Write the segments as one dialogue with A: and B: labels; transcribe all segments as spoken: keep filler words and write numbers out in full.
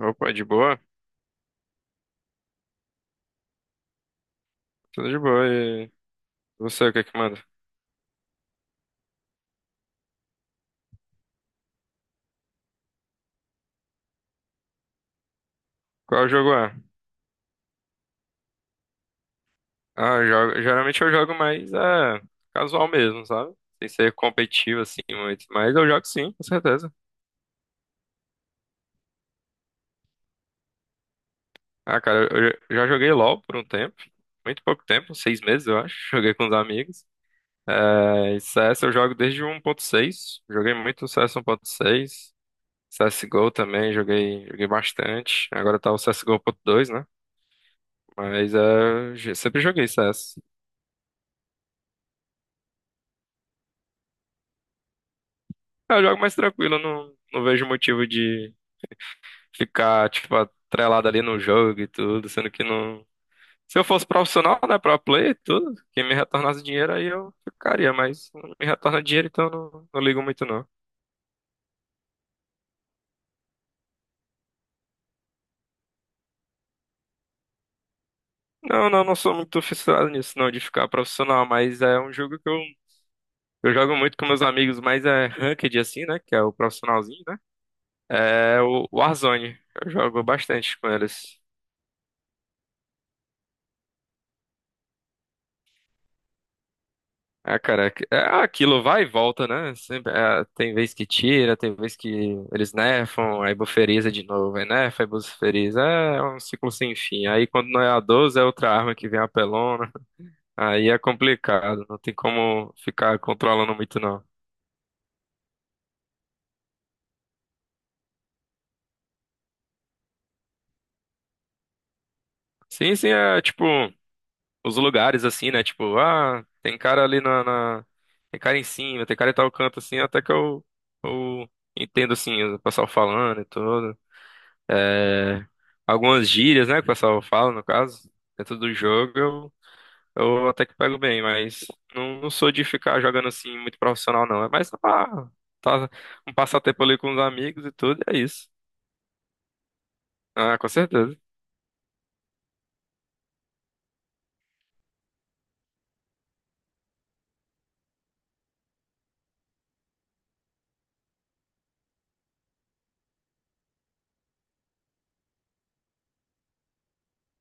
A: Opa, de boa? Tudo de boa. E você, o que que manda? Qual jogo é? Ah, eu jogo, geralmente eu jogo mais é, casual mesmo, sabe? Sem ser competitivo assim muito. Mas eu jogo sim, com certeza. Ah, cara, eu já já joguei LoL por um tempo. Muito pouco tempo, seis meses eu acho. Joguei com os amigos. É, e C S eu jogo desde o um ponto seis. Joguei muito C S um ponto C S um ponto seis. C S G O também, joguei, joguei bastante. Agora tá o C S G O ponto dois, né? Mas é, sempre joguei C S. Eu jogo mais tranquilo, eu não, não vejo motivo de ficar, tipo, atrelado ali no jogo e tudo, sendo que não. Se eu fosse profissional, né, pro player e tudo, quem me retornasse dinheiro aí eu ficaria, mas não me retorna dinheiro, então eu não, não ligo muito não. Não, não, não sou muito fissurado nisso, não, de ficar profissional, mas é um jogo que eu, eu jogo muito com meus amigos, mas é ranked assim, né, que é o profissionalzinho, né? É o Warzone, eu jogo bastante com eles. Ah, cara, aqu- é aquilo, vai e volta, né? Sempre, é, tem vez que tira, tem vez que eles nerfam, aí buferiza de novo, aí nerfa, aí buferiza. É é um ciclo sem fim. Aí quando não é a doze, é outra arma que vem apelona. Aí é complicado, não tem como ficar controlando muito, não. Sim, sim, é tipo, os lugares assim, né? Tipo, ah, tem cara ali. na, na- Tem cara em cima, tem cara em tal canto assim, até que eu, eu entendo assim, o pessoal falando e tudo. É, algumas gírias, né, que o pessoal fala, no caso, dentro do jogo, eu, eu até que pego bem, mas não, não sou de ficar jogando assim muito profissional, não. É mais pra, tá, um passatempo ali com os amigos e tudo, e é isso. Ah, com certeza.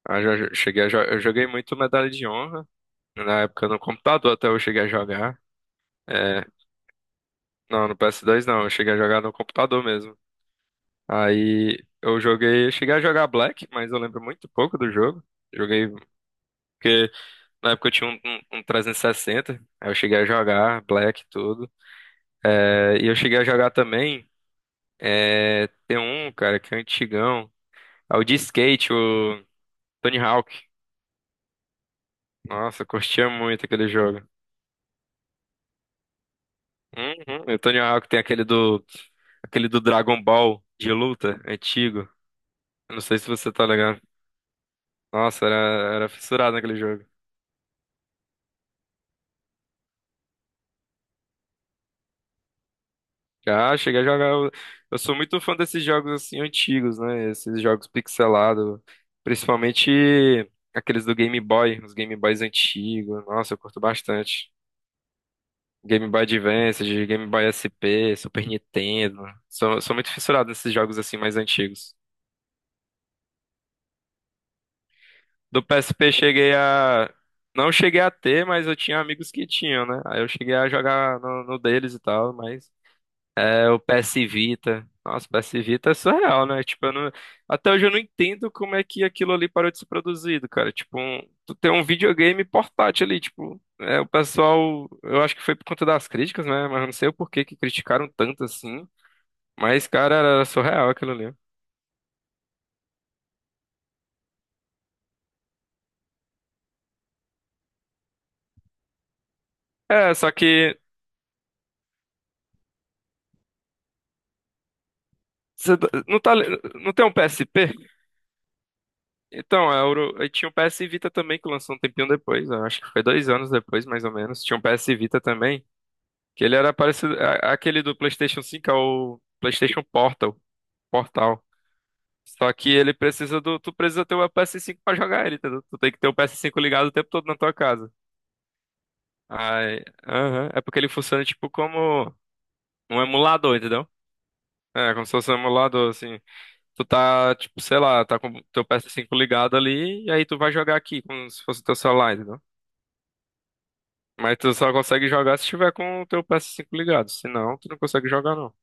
A: Ah, já, já cheguei a jo- eu joguei muito Medalha de Honra, na época no computador até eu cheguei a jogar. É, não, no P S dois não, eu cheguei a jogar no computador mesmo. Aí eu joguei, cheguei a jogar Black, mas eu lembro muito pouco do jogo. Joguei porque na época eu tinha um, um, um trezentos e sessenta, aí eu cheguei a jogar Black e tudo. É, e eu cheguei a jogar também, é, tem um, cara, que é um antigão. É o de skate, o Tony Hawk. Nossa, eu curtia muito aquele jogo. Uhum, e o Tony Hawk tem aquele do, aquele do Dragon Ball de luta, antigo. Eu não sei se você tá ligado. Nossa, era, era fissurado naquele jogo. Já cheguei a jogar. Eu eu sou muito fã desses jogos assim antigos, né? Esses jogos pixelados, principalmente aqueles do Game Boy, os Game Boys antigos. Nossa, eu curto bastante. Game Boy Advance, de Game Boy S P, Super Nintendo. Sou, sou muito fissurado nesses jogos assim mais antigos. Do P S P cheguei a. Não cheguei a ter, mas eu tinha amigos que tinham, né? Aí eu cheguei a jogar no, no deles e tal, mas. É o P S Vita. Nossa, o P S Vita é surreal, né? Tipo, eu não. Até hoje eu não entendo como é que aquilo ali parou de ser produzido, cara. Tipo, um, tu tem um videogame portátil ali, tipo, é, o pessoal, eu acho que foi por conta das críticas, né? Mas eu não sei o porquê que criticaram tanto assim. Mas, cara, era surreal aquilo ali. É, só que você tá- não tá, le- não tem um P S P? Então, é, o- eu tinha o P S Vita também que lançou um tempinho depois, eu acho que foi dois anos depois, mais ou menos. Tinha um P S Vita também. Que ele era parecido. a- Aquele do PlayStation cinco é o PlayStation Portal. Portal. Só que ele precisa do. Tu precisa ter o ps cinco pra jogar ele, entendeu? Tu tem que ter o ps cinco ligado o tempo todo na tua casa. Aí. Aham. É porque ele funciona tipo como um emulador, entendeu? É, como se fosse um emulador, assim. Tu tá, tipo, sei lá, tá com o teu ps cinco ligado ali, e aí tu vai jogar aqui, como se fosse o teu celular, entendeu? Mas tu só consegue jogar se tiver com o teu ps cinco ligado. Senão, tu não consegue jogar, não.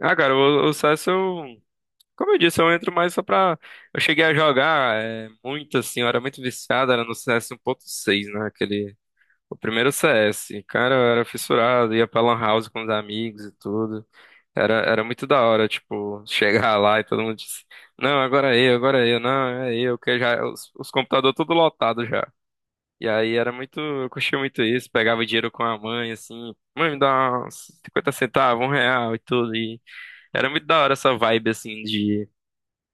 A: Ah, cara, o, o C S eu. Como eu disse, eu entro mais só pra. Eu cheguei a jogar é, muito assim, eu era muito viciado, era no C S seis, né? Aquele. O primeiro C S. Cara, eu era fissurado, ia pra Lan House com os amigos e tudo. Era, era muito da hora, tipo, chegar lá e todo mundo disse: Não, agora é eu, agora é eu, não, é eu, que já. Os, os computadores tudo lotado já. E aí era muito. Eu curtia muito isso, pegava dinheiro com a mãe, assim, mãe, me dá uns cinquenta centavos, um real e tudo. E era muito da hora essa vibe, assim, de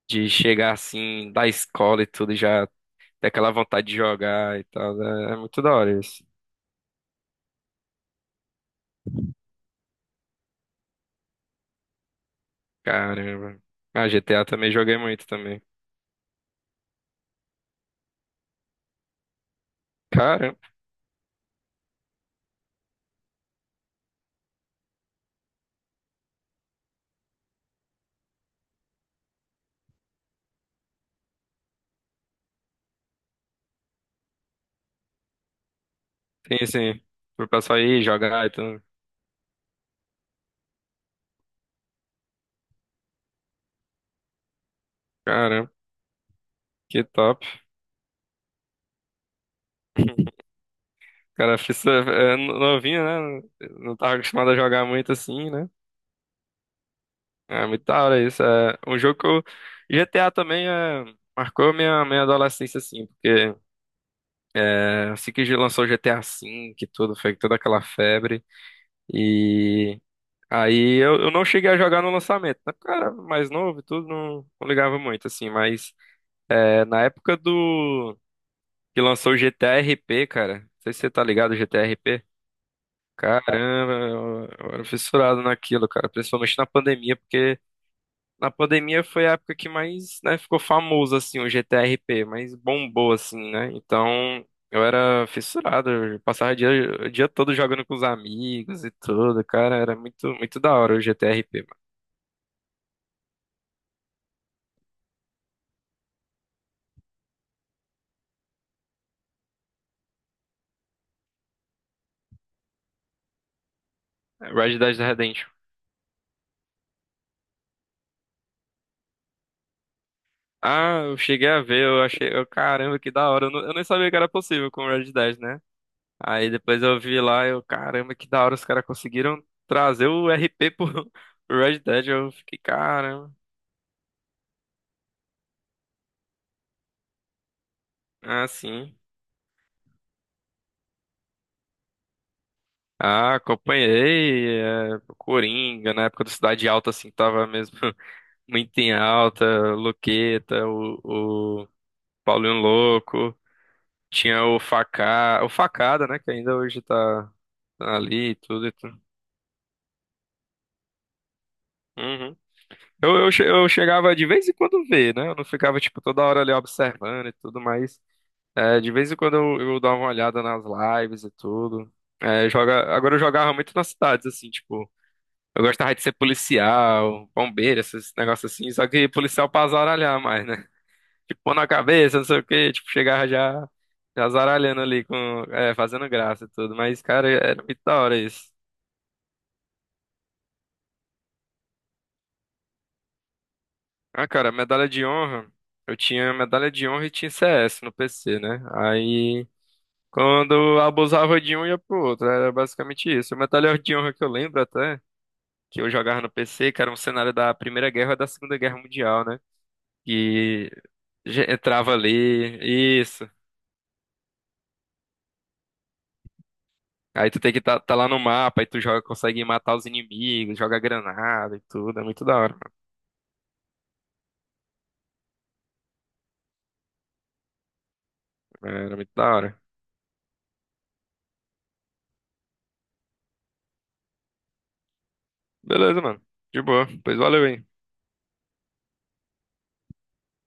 A: de chegar assim da escola e tudo, e já ter aquela vontade de jogar e tal, né? É muito da hora isso. Caramba. Ah, G T A também joguei muito também. Caramba, tem assim, pro pessoal ir jogar e tudo. Caramba, que top. Cara, fiz é, novinho, né? Não tava acostumado a jogar muito assim, né? É muito da hora isso. É um jogo que eu. G T A também é, marcou minha, minha adolescência, assim, porque é, assim que lançou o G T A V e tudo, foi toda aquela febre. E aí eu, eu não cheguei a jogar no lançamento, né? Porque eu era mais novo e tudo, não, não ligava muito, assim. Mas é, na época do que lançou o G T A R P, cara, não sei se você tá ligado, G T A R P. Caramba, eu, eu era fissurado naquilo, cara. Principalmente na pandemia, porque na pandemia foi a época que mais, né, ficou famoso, assim, o G T R P, mais bombou, assim, né? Então, eu era fissurado, eu passava o dia, o dia todo jogando com os amigos e tudo, cara, era muito, muito da hora o G T R P, mano. Red Dead Redemption. Ah, eu cheguei a ver, eu achei, eu, caramba, que da hora, eu, não- eu nem sabia que era possível com o Red Dead, né? Aí depois eu vi lá, eu, caramba, que da hora, os caras conseguiram trazer o R P pro pro Red Dead, eu fiquei, caramba, ah, sim. Ah, acompanhei, é, Coringa, na época do Cidade Alta, assim, tava mesmo muito em alta, Luqueta, o, o Paulinho Louco, tinha o Facá, o Facada, né, que ainda hoje tá, tá ali e tudo e tudo. Uhum. Eu, eu, che- eu chegava de vez em quando ver, né, eu não ficava, tipo, toda hora ali observando e tudo, mas é, de vez em quando eu, eu dava uma olhada nas lives e tudo. É, joga, agora eu jogava muito nas cidades, assim, tipo. Eu gostava de ser policial, bombeiro, esses negócios assim, só que policial pra azaralhar mais, né? Tipo, pôr na cabeça, não sei o quê, tipo, chegava já, já azaralhando ali, com, é, fazendo graça e tudo. Mas, cara, é, era muito da hora isso. Ah, cara, medalha de honra, eu tinha medalha de honra e tinha C S no P C, né? Aí, quando eu abusava de um, ia pro outro, era basicamente isso. A medalha de honra que eu lembro até, que eu jogava no P C, que era um cenário da Primeira Guerra e da Segunda Guerra Mundial, né? E ge- entrava ali, isso. Aí tu tem que tá, tá lá no mapa, aí tu joga, consegue matar os inimigos, joga granada e tudo. É muito da hora, mano. É, era muito da hora. Beleza, mano. De boa. Pois valeu, hein.